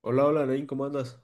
Hola, hola, Nain, ¿cómo andas?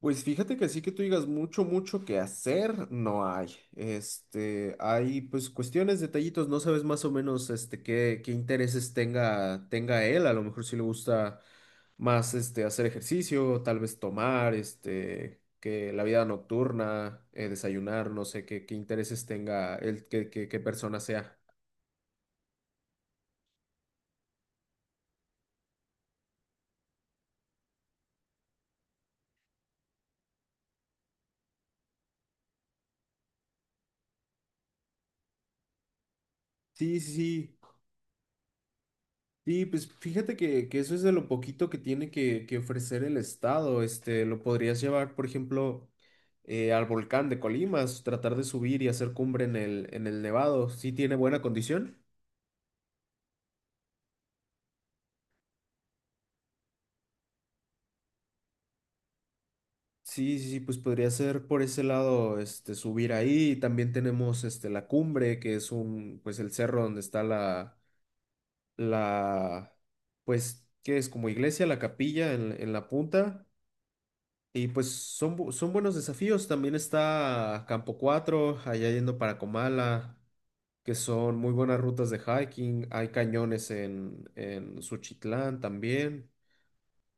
Pues fíjate que así que tú digas mucho, mucho que hacer, no hay. Hay pues cuestiones, detallitos, no sabes más o menos qué, intereses tenga, tenga él. A lo mejor si le gusta más hacer ejercicio, tal vez tomar, que la vida nocturna, desayunar, no sé qué, intereses tenga él, qué, qué, qué persona sea. Sí, sí, sí. Sí, pues fíjate que eso es de lo poquito que tiene que ofrecer el Estado. Lo podrías llevar, por ejemplo, al volcán de Colimas, tratar de subir y hacer cumbre en el Nevado. ¿Sí tiene buena condición? Sí, sí, sí, pues podría ser por ese lado, subir ahí. También tenemos, la cumbre, que es un, pues el cerro donde está la, la, pues, ¿qué es? Como iglesia, la capilla en la punta. Y pues son, son buenos desafíos. También está Campo 4 allá yendo para Comala, que son muy buenas rutas de hiking. Hay cañones en Suchitlán también.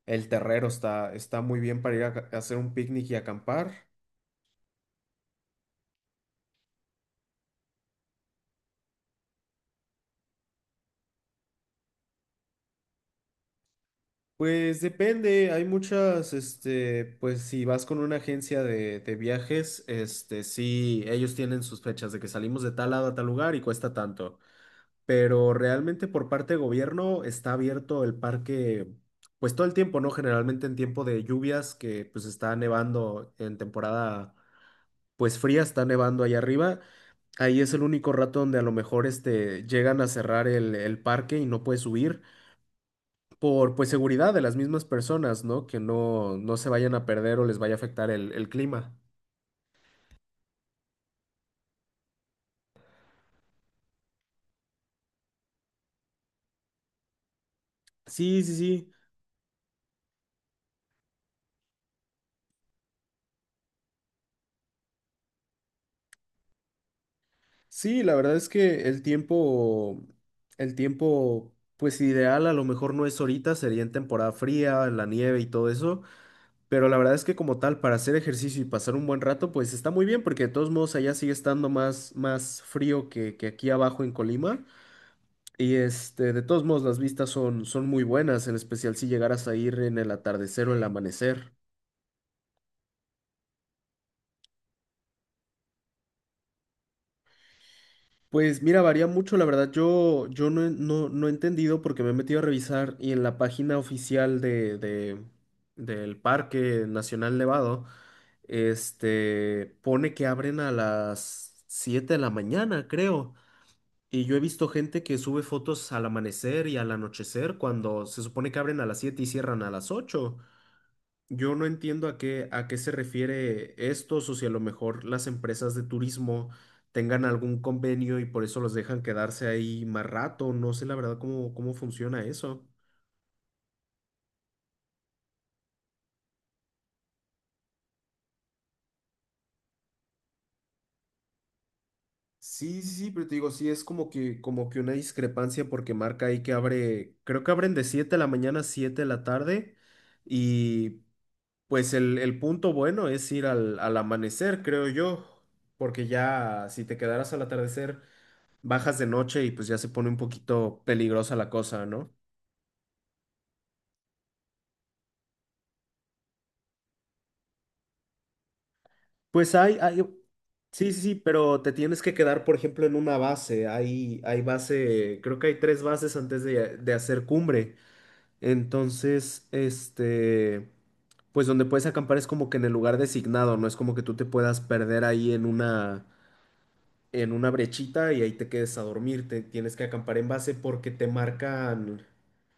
El Terrero está, está muy bien para ir a, a hacer un picnic y acampar. Pues depende, hay muchas, pues si vas con una agencia de viajes, sí, ellos tienen sus fechas de que salimos de tal lado a tal lugar y cuesta tanto. Pero realmente por parte de gobierno está abierto el parque, pues todo el tiempo, ¿no? Generalmente en tiempo de lluvias, que pues está nevando en temporada, pues fría, está nevando allá arriba. Ahí es el único rato donde a lo mejor llegan a cerrar el parque y no puedes subir por pues seguridad de las mismas personas, ¿no? Que no, no se vayan a perder o les vaya a afectar el clima. Sí, sí, sí. Sí, la verdad es que el tiempo, pues ideal a lo mejor no es ahorita, sería en temporada fría, en la nieve y todo eso, pero la verdad es que como tal, para hacer ejercicio y pasar un buen rato, pues está muy bien, porque de todos modos allá sigue estando más, más frío que aquí abajo en Colima, y de todos modos las vistas son, son muy buenas, en especial si llegaras a ir en el atardecer o el amanecer. Pues mira, varía mucho, la verdad. Yo no, no, no he entendido porque me he metido a revisar y en la página oficial de, del Parque Nacional Nevado, pone que abren a las 7 de la mañana, creo. Y yo he visto gente que sube fotos al amanecer y al anochecer cuando se supone que abren a las 7 y cierran a las 8. Yo no entiendo a qué se refiere esto, o si a lo mejor las empresas de turismo tengan algún convenio y por eso los dejan quedarse ahí más rato. No sé la verdad cómo, cómo funciona eso. Sí, sí, sí, pero te digo, sí, es como que una discrepancia porque marca ahí que abre, creo que abren de 7 de la mañana a 7 de la tarde y pues el punto bueno es ir al, al amanecer, creo yo, porque ya si te quedaras al atardecer, bajas de noche y pues ya se pone un poquito peligrosa la cosa, ¿no? Pues hay, sí, sí, sí, pero te tienes que quedar, por ejemplo, en una base. Hay base, creo que hay tres bases antes de hacer cumbre. Entonces, pues donde puedes acampar es como que en el lugar designado, no es como que tú te puedas perder ahí en una brechita y ahí te quedes a dormir. Te tienes que acampar en base porque te marcan,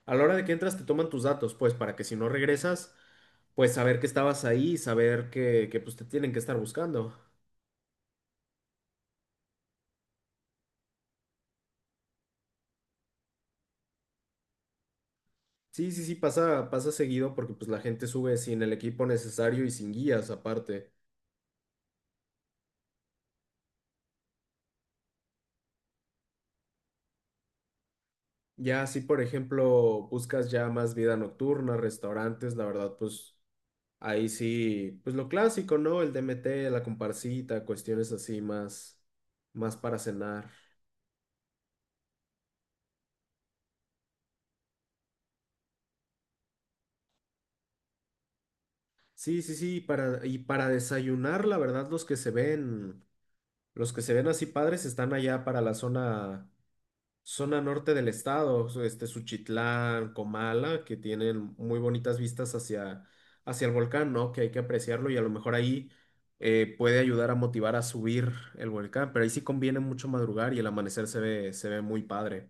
a la hora de que entras te toman tus datos, pues para que si no regresas, pues saber que estabas ahí, saber que pues te tienen que estar buscando. Sí, sí, sí, pasa, pasa seguido porque pues la gente sube sin el equipo necesario y sin guías aparte. Ya si por ejemplo buscas ya más vida nocturna, restaurantes, la verdad pues ahí sí, pues lo clásico, ¿no? El DMT, la comparsita, cuestiones así más, más para cenar. Sí, sí, sí, para, y para desayunar, la verdad los que se ven, los que se ven así padres están allá para la zona, zona norte del estado, este Suchitlán, Comala, que tienen muy bonitas vistas hacia, hacia el volcán, ¿no? Que hay que apreciarlo y a lo mejor ahí puede ayudar a motivar a subir el volcán, pero ahí sí conviene mucho madrugar y el amanecer se ve muy padre.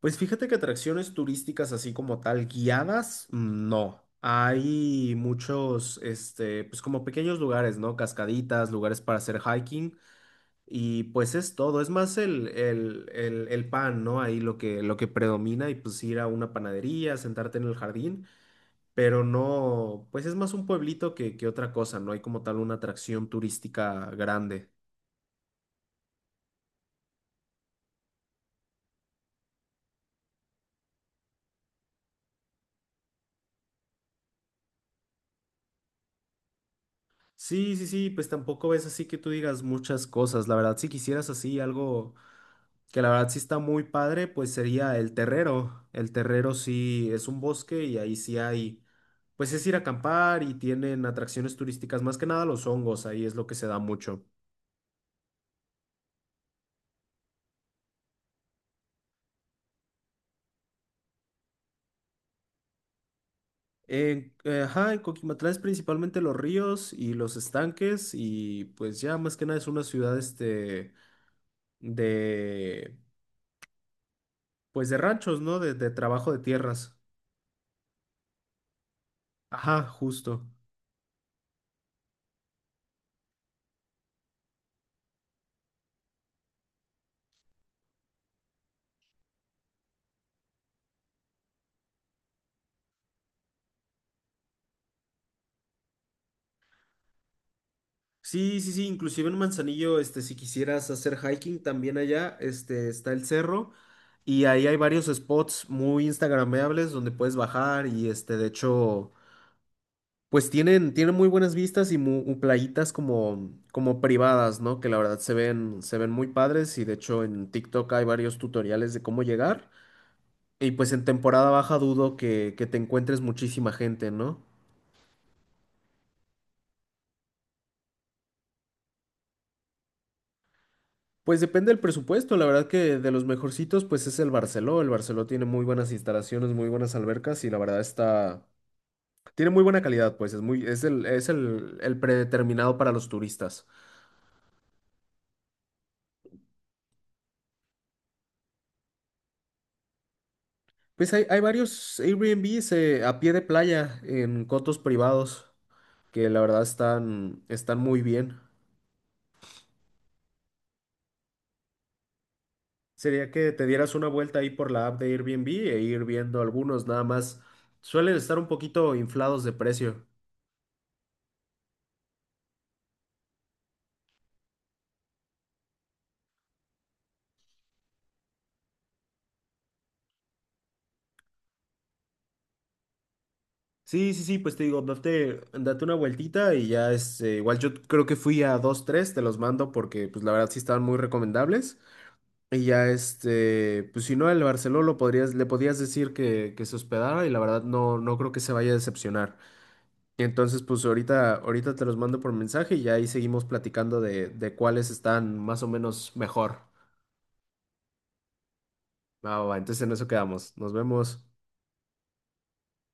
Pues fíjate que atracciones turísticas así como tal, guiadas, no. Hay muchos, pues como pequeños lugares, ¿no? Cascaditas, lugares para hacer hiking. Y pues es todo, es más el pan, ¿no? Ahí lo que predomina y pues ir a una panadería, sentarte en el jardín, pero no, pues es más un pueblito que otra cosa, no hay como tal una atracción turística grande. Sí, sí, sí, pues tampoco es así que tú digas muchas cosas, la verdad, si quisieras así algo que la verdad sí está muy padre, pues sería el Terrero. El Terrero sí es un bosque y ahí sí hay, pues es ir a acampar y tienen atracciones turísticas, más que nada los hongos, ahí es lo que se da mucho. Ajá, en Coquimatlán es principalmente los ríos y los estanques y pues ya más que nada es una ciudad de, pues de ranchos, ¿no? De trabajo de tierras. Ajá, justo. Sí, sí, sí, inclusive en Manzanillo, si quisieras hacer hiking también allá, está el cerro y ahí hay varios spots muy instagrameables donde puedes bajar y de hecho, pues tienen, tienen muy buenas vistas y muy, playitas como, como privadas, ¿no? Que la verdad se ven muy padres y de hecho en TikTok hay varios tutoriales de cómo llegar y pues en temporada baja dudo que te encuentres muchísima gente, ¿no? Pues depende del presupuesto, la verdad que de los mejorcitos pues es el Barceló tiene muy buenas instalaciones, muy buenas albercas y la verdad está, tiene muy buena calidad pues, es muy, es el, es el predeterminado para los turistas. Pues hay varios Airbnbs a pie de playa en cotos privados que la verdad están, están muy bien. Sería que te dieras una vuelta ahí por la app de Airbnb e ir viendo algunos nada más, suelen estar un poquito inflados de precio. Sí, sí, sí, pues te digo, date, date una vueltita y ya es, igual yo creo que fui a dos, tres, te los mando porque pues la verdad sí estaban muy recomendables y ya pues si no, el Barceló lo podrías, le podías decir que se hospedara y la verdad no, no creo que se vaya a decepcionar. Entonces pues ahorita, ahorita te los mando por mensaje y ya ahí seguimos platicando de cuáles están más o menos mejor. Va, va, va, entonces en eso quedamos, nos vemos.